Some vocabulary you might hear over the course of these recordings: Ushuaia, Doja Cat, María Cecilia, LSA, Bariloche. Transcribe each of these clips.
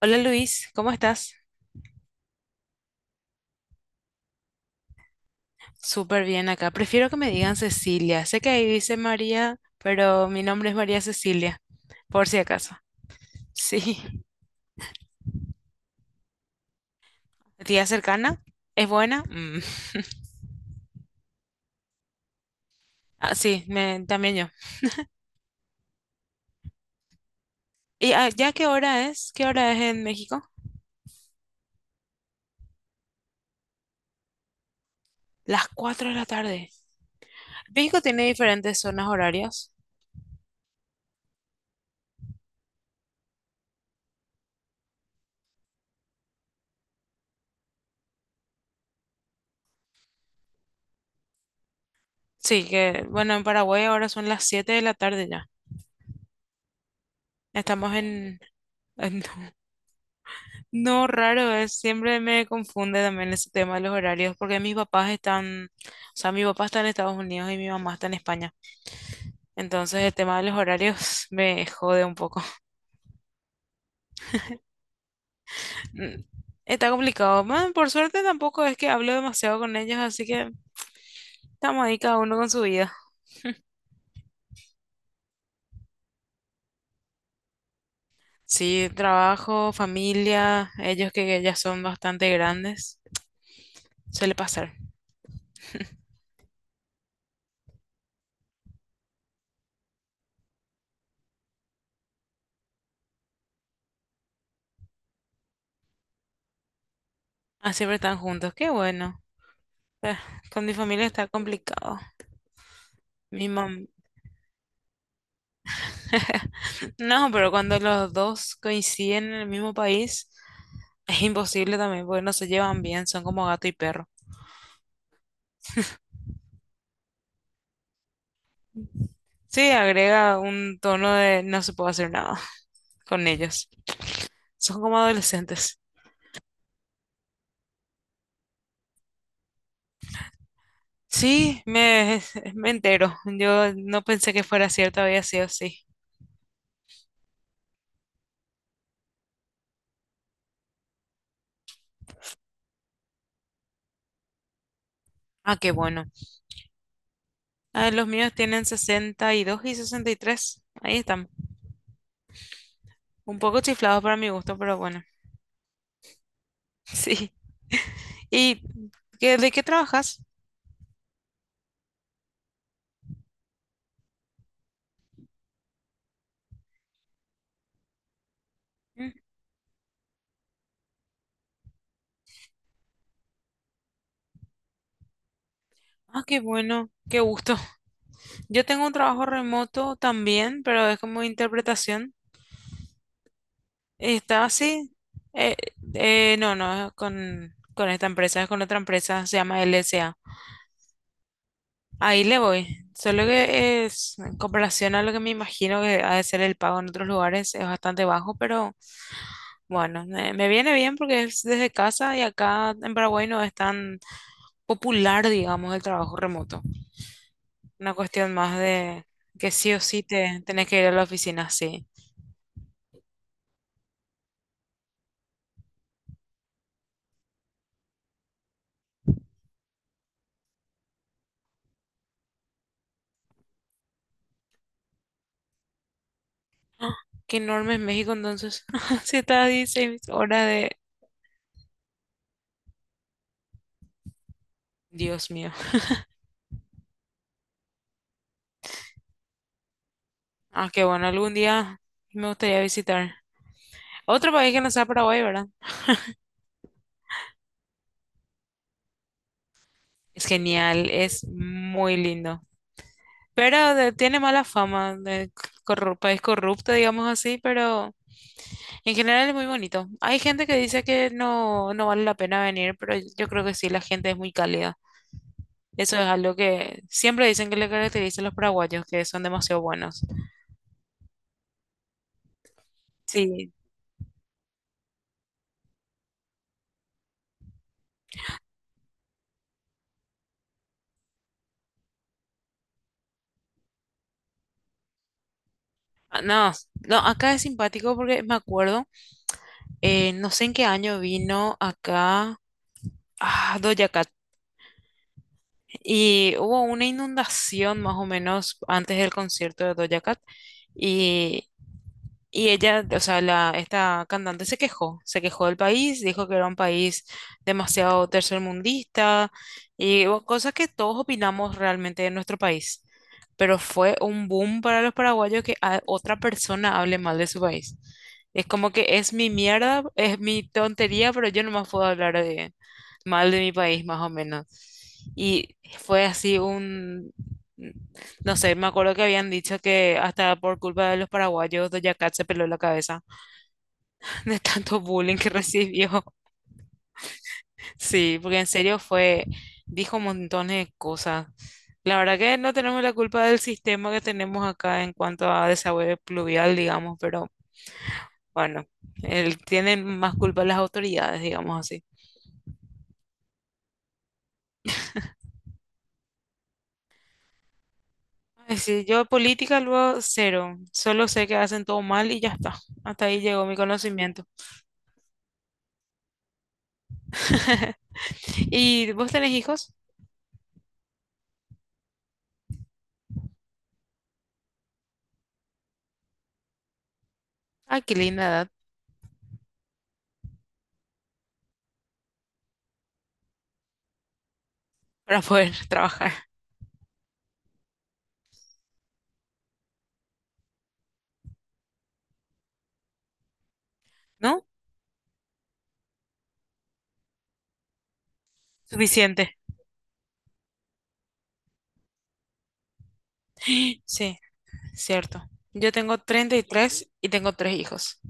Hola Luis, ¿cómo estás? Súper bien acá. Prefiero que me digan Cecilia. Sé que ahí dice María, pero mi nombre es María Cecilia, por si acaso. Sí. ¿Tía cercana? ¿Es buena? Mm. Ah, sí, también yo. ¿Y ya qué hora es? ¿Qué hora es en México? Las 4 de la tarde. México tiene diferentes zonas horarias. Sí, que bueno, en Paraguay ahora son las 7 de la tarde ya. Estamos en No, raro, es, siempre me confunde también ese tema de los horarios, porque mis papás están, o sea, mi papá está en Estados Unidos y mi mamá está en España. Entonces el tema de los horarios me jode un poco. Mm, Está complicado. Man, por suerte tampoco es que hablo demasiado con ellos, así que estamos ahí cada uno con su vida. Sí, trabajo, familia, ellos que ya son bastante grandes, suele pasar. Ah, siempre están juntos, qué bueno. Eh, Con mi familia está complicado. Mi mamá. No, pero cuando los dos coinciden en el mismo país, es imposible también, porque no se llevan bien, son como gato y perro. Sí, agrega un tono de no se puede hacer nada con ellos. Son como adolescentes. Sí, me entero. Yo no pensé que fuera cierto, había sido así. Ah, qué bueno. Ah, los míos tienen 62 y 63. Ahí están. Un poco chiflados para mi gusto, pero bueno. Sí. ¿Y de qué trabajas? Ah, qué bueno, qué gusto. Yo tengo un trabajo remoto también, pero es como interpretación. Está así. Eh, no, no, es con esta empresa, es con otra empresa, se llama LSA. Ahí le voy. Solo que es, en comparación a lo que me imagino que ha de ser el pago en otros lugares, es bastante bajo, pero bueno, me viene bien porque es desde casa y acá en Paraguay no es tan popular, digamos, el trabajo remoto. Una cuestión más de que sí o sí te tenés que ir a la oficina, sí. ¡Ah! Qué enorme es México entonces. Se está a 16 horas de... Dios mío. Ah, qué bueno, algún día me gustaría visitar. Otro país que no sea Paraguay, ¿verdad? Es genial, es muy lindo. Pero tiene mala fama, de país corrupto, digamos así, pero en general es muy bonito. Hay gente que dice que no, no vale la pena venir, pero yo creo que sí, la gente es muy cálida. Eso es algo que siempre dicen que le caracteriza a los paraguayos, que son demasiado buenos. Sí, ah, no, no, acá es simpático porque me acuerdo, no sé en qué año vino acá Doja Cat y hubo una inundación más o menos antes del concierto de Doja Cat y ella, o sea, la, esta cantante se quejó del país, dijo que era un país demasiado tercermundista y bueno, cosas que todos opinamos realmente de nuestro país. Pero fue un boom para los paraguayos que otra persona hable mal de su país. Es como que es mi mierda, es mi tontería, pero yo nomás puedo hablar mal de mi país, más o menos. Y fue así un... No sé, me acuerdo que habían dicho que hasta por culpa de los paraguayos, Doja Cat se peló la cabeza de tanto bullying que recibió. Sí, porque en serio fue, dijo montones de cosas. La verdad que no tenemos la culpa del sistema que tenemos acá en cuanto a desagüe pluvial, digamos, pero bueno, él, tienen más culpa las autoridades, digamos así. Ay, sí, yo política luego cero, solo sé que hacen todo mal y ya está. Hasta ahí llegó mi conocimiento. ¿Y vos tenés hijos? Ay, qué linda edad. Para poder trabajar, ¿no? Suficiente. Sí, cierto. Yo tengo 33 y tengo tres hijos.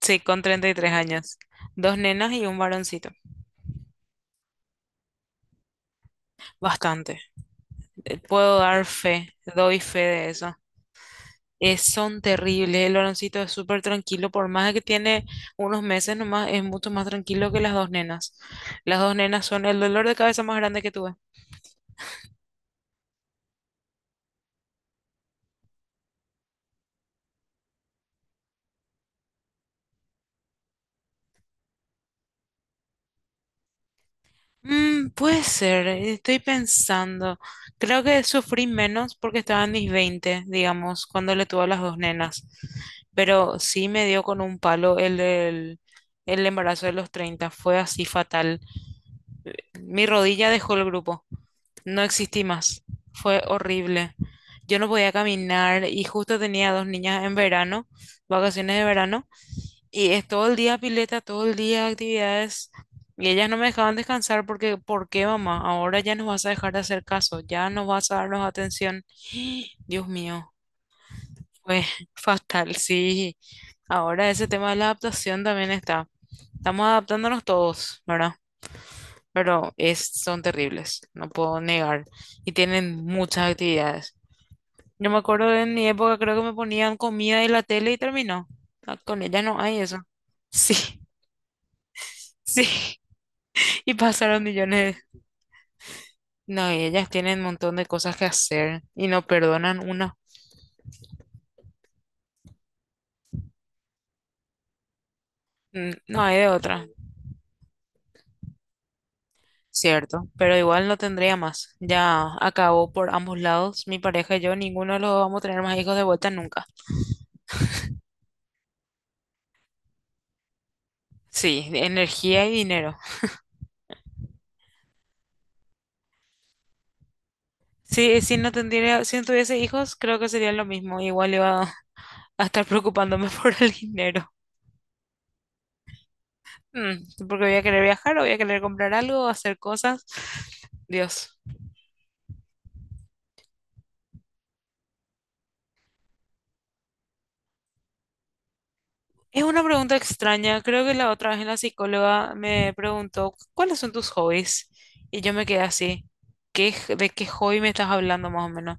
Sí, con 33 años. Dos nenas y un varoncito. Bastante. Puedo dar fe, doy fe de eso. Son terribles. El varoncito es súper tranquilo, por más de que tiene unos meses nomás, es mucho más tranquilo que las dos nenas. Las dos nenas son el dolor de cabeza más grande que tuve. Mm, puede ser, estoy pensando. Creo que sufrí menos porque estaba en mis veinte, digamos, cuando le tuve a las dos nenas. Pero sí me dio con un palo el embarazo de los 30. Fue así fatal. Mi rodilla dejó el grupo. No existí más. Fue horrible. Yo no podía caminar y justo tenía dos niñas en verano, vacaciones de verano. Y es todo el día pileta, todo el día actividades. Y ellas no me dejaban descansar porque, ¿por qué, mamá? Ahora ya nos vas a dejar de hacer caso, ya no vas a darnos atención. Dios mío, fue fatal, sí. Ahora ese tema de la adaptación también está. Estamos adaptándonos todos, ¿verdad? Pero es, son terribles, no puedo negar. Y tienen muchas actividades. Yo me acuerdo de en mi época, creo que me ponían comida y la tele y terminó. Ah, con ellas no hay eso. Sí, sí. Y pasaron millones. No, y ellas tienen un montón de cosas que hacer y no perdonan una. Mm, no hay de otra, cierto. Pero igual no tendría más. Ya acabó por ambos lados. Mi pareja y yo, ninguno de los dos vamos a tener más hijos de vuelta nunca. Sí, de energía y dinero. Sí, si no tendría, si no tuviese hijos, creo que sería lo mismo. Igual iba a estar preocupándome por el dinero. Mm, porque voy a querer viajar, o voy a querer comprar algo, hacer cosas. Dios. Es una pregunta extraña. Creo que la otra vez la psicóloga me preguntó, ¿cuáles son tus hobbies? Y yo me quedé así. ¿Qué, de qué hobby me estás hablando más o menos?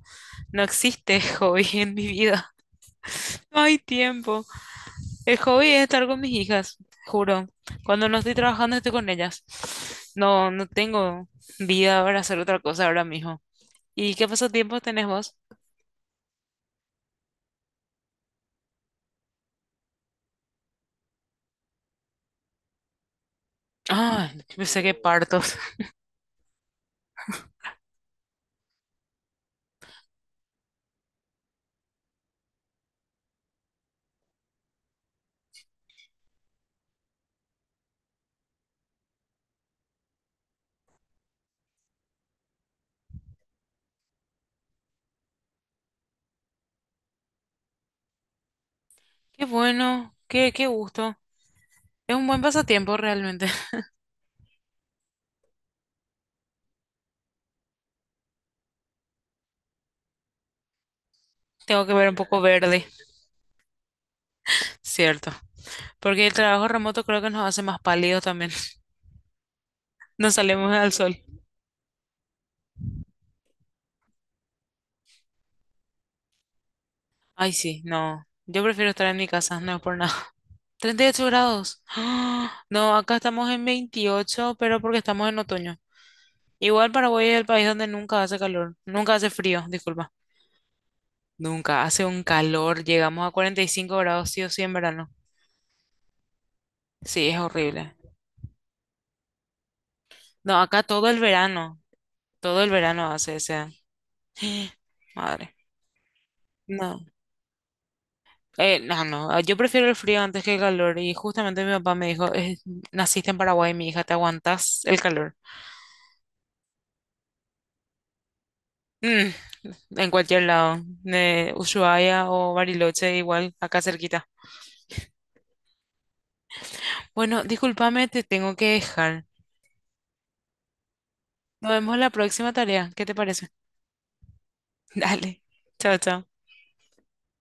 No existe hobby en mi vida. No hay tiempo. El hobby es estar con mis hijas, juro. Cuando no estoy trabajando estoy con ellas. No, no tengo vida para hacer otra cosa ahora mismo. ¿Y qué pasatiempos tenés vos? Ah, pensé que partos. Qué bueno, qué, qué gusto. Es un buen pasatiempo realmente. Tengo que ver un poco verde, cierto. Porque el trabajo remoto creo que nos hace más pálidos también. No salimos al sol. Ay, sí, no. Yo prefiero estar en mi casa, no es por nada. 38 grados. No, acá estamos en 28 pero porque estamos en otoño. Igual Paraguay es el país donde nunca hace calor, nunca hace frío, disculpa. Nunca hace un calor, llegamos a 45 grados sí o sí en verano. Sí, es horrible. No, acá todo el verano hace ese... Madre. No. No, no, ah, yo prefiero el frío antes que el calor y justamente mi papá me dijo, "Es- naciste en Paraguay, mi hija, te aguantas el calor." Mm, en cualquier lado, de Ushuaia o Bariloche, igual, acá cerquita. Bueno, discúlpame, te tengo que dejar. Nos vemos la próxima tarea, ¿qué te parece? Dale, chao, chao.